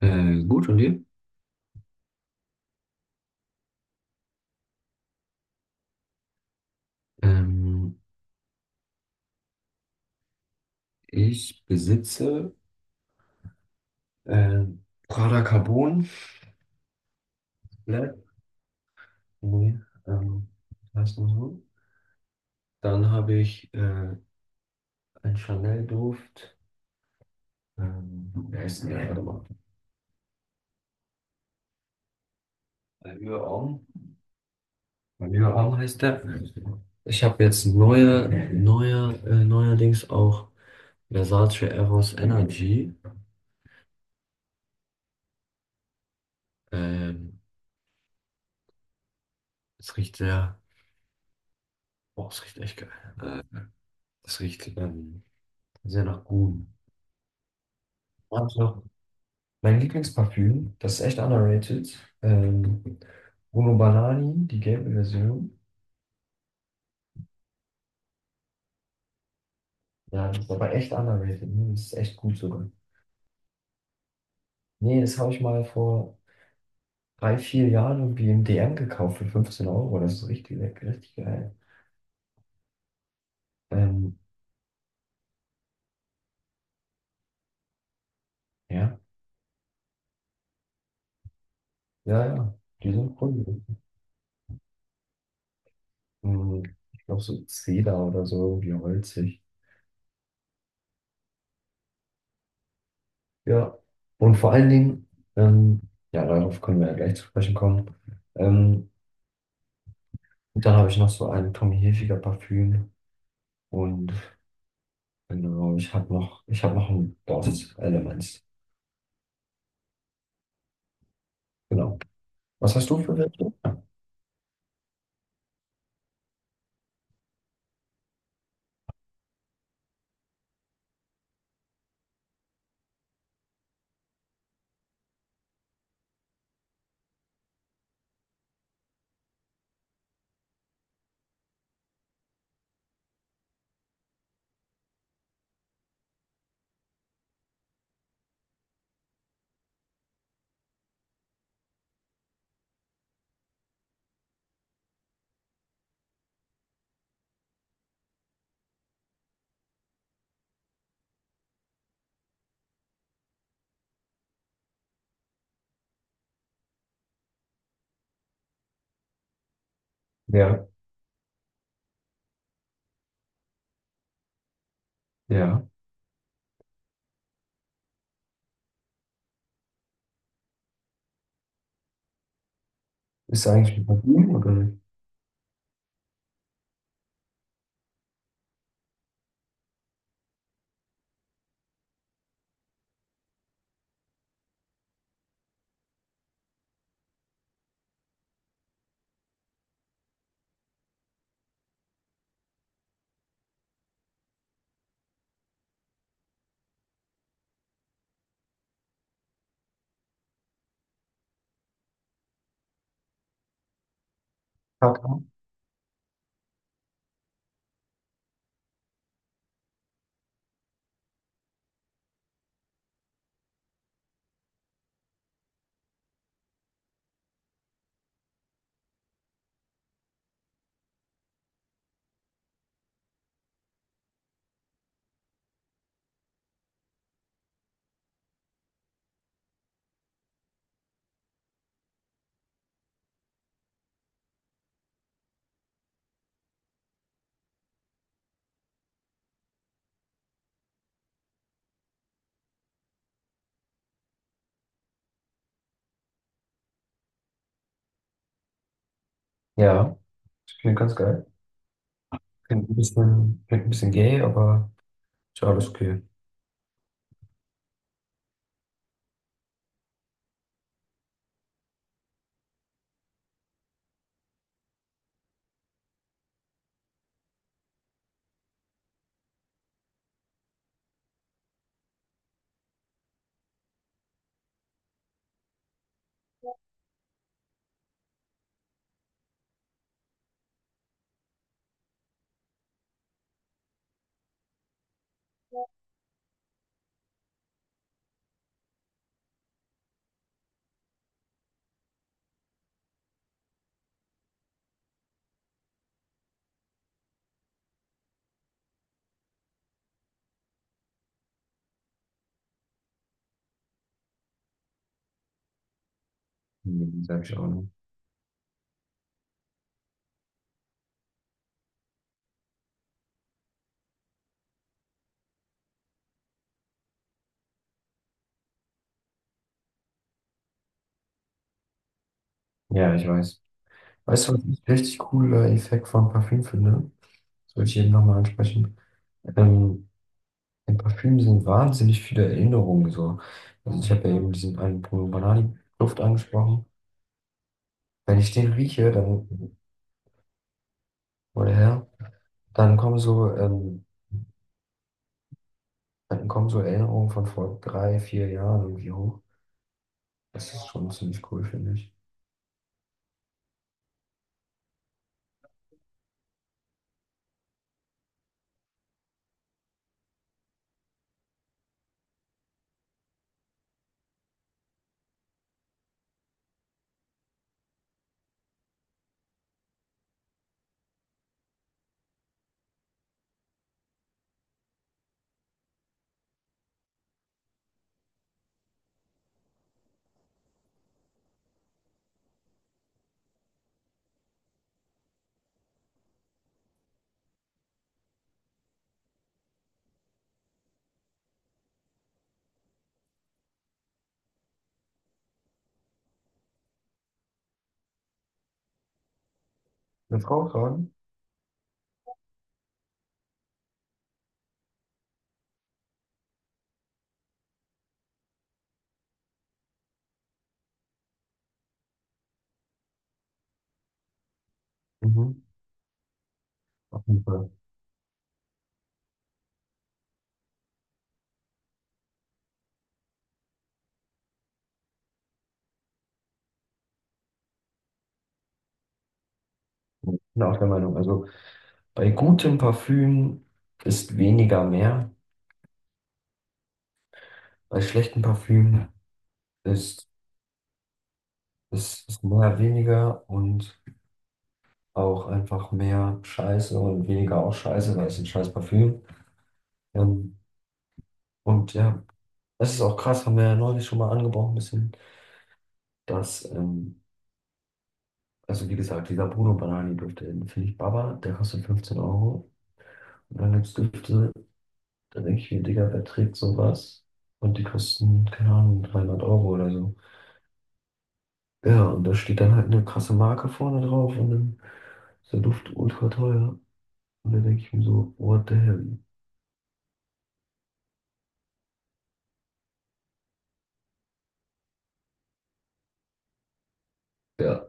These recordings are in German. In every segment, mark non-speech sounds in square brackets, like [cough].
Gut, und dir? Ähm, Ich besitze äh, Prada Carbon Black. Nee, ähm, heißt nur so. Dann habe ich einen Chanel-Duft. Wie heißt denn der? Warte mal. Allure Homme. Allure Homme heißt der. Ich habe jetzt neuerdings auch Versace Eros Energy. Ähm, es riecht sehr, oh, es riecht echt geil. Äh, es riecht sehr nach Gum. Manchmal, mein Lieblingsparfüm, das ist echt underrated. Bruno Banani, die gelbe Version. Ja, das ist aber echt underrated, ne? Das ist echt gut sogar. Nee, das habe ich mal vor drei, vier Jahren irgendwie im DM gekauft für 15 Euro. Das ist richtig leck, richtig geil. Ähm, ja, ja, ja. Die sind cool. Mhm. Ich glaube so Zeder oder so, irgendwie holzig. Ja. Und vor allen Dingen, ähm, ja, darauf können wir ja gleich zu sprechen kommen. Ähm, und dann habe ich noch so ein Tommy Hilfiger Parfüm. Und genau, ich habe noch ein Dort-Element. Genau. Was hast du für welche? Ja, ja. Ist eigentlich ein Parfüm oder ein... Ja, ich finde ganz geil. Klingt ein bisschen gay, aber ist alles okay. Hm, sag ich auch nicht. Ja, ich weiß. Weißt du, was ich richtig cooler Effekt von Parfüm finde? Das wollte ich eben nochmal ansprechen. Ähm, in Parfüm sind wahnsinnig viele Erinnerungen so. Also ich habe ja eben diesen einen Bruno Banani Duft angesprochen. Wenn ich den rieche, dann, oder her, dann kommen so, ähm, dann kommen so Erinnerungen von vor drei, vier Jahren irgendwie hoch. Das ist schon ziemlich cool, finde ich. Eine Frau tragen? Mhm. Auf jeden Fall. Ich bin auch der Meinung. Also bei gutem Parfüm ist weniger mehr. Bei schlechtem Parfüm ist, ist mehr weniger und auch einfach mehr Scheiße und weniger auch Scheiße, weil es ein scheiß Parfüm. Ähm, und ja, es ist auch krass, haben wir ja neulich schon mal angebrochen ein bisschen. dass, ähm, also wie gesagt, dieser Bruno Banani-Duft, den finde ich Baba, der kostet 15 Euro. Und dann gibt es Düfte, da denke ich mir, Digga, wer trägt sowas? Und die kosten, keine Ahnung, 300 € oder so. Ja, und da steht dann halt eine krasse Marke vorne drauf und dann ist der Duft ultra teuer. Und da denke ich mir so, what the hell? Ja,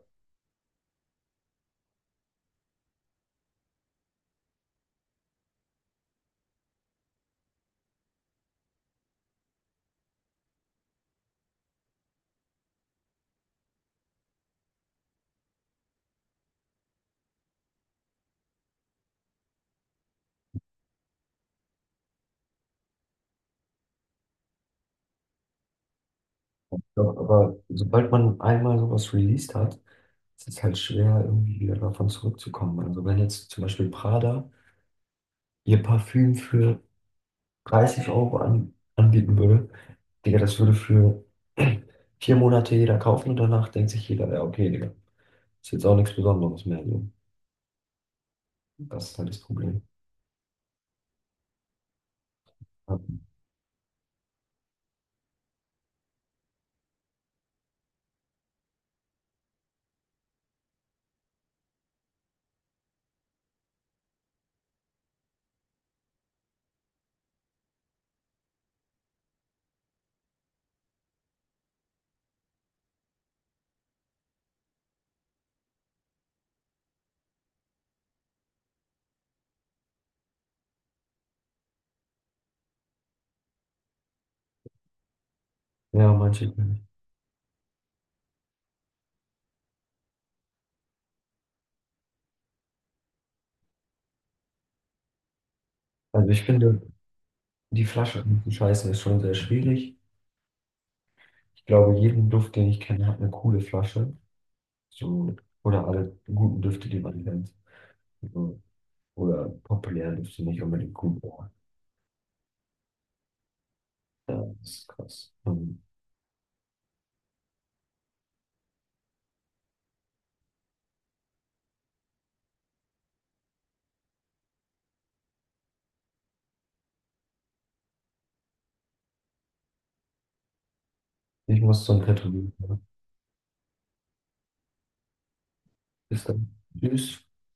doch, aber sobald man einmal sowas released hat, ist es halt schwer, irgendwie wieder davon zurückzukommen. Also wenn jetzt zum Beispiel Prada ihr Parfüm für 30 € anbieten würde, Digga, das würde für [clears throat] 4 Monate jeder kaufen und danach denkt sich jeder, ja, okay, Digga, ist jetzt auch nichts Besonderes mehr. So. Das ist halt das Problem. Ja, manche. Können- Also ich finde, die Flasche zu scheißen ist schon sehr schwierig. Ich glaube, jeden Duft, den ich kenne, hat eine coole Flasche. So, oder alle guten Düfte, die man kennt. So, oder populäre Düfte nicht unbedingt gut. Ja, das ist krass. Ich muss zum Tätowieren, ne? Bis dann. Tschüss.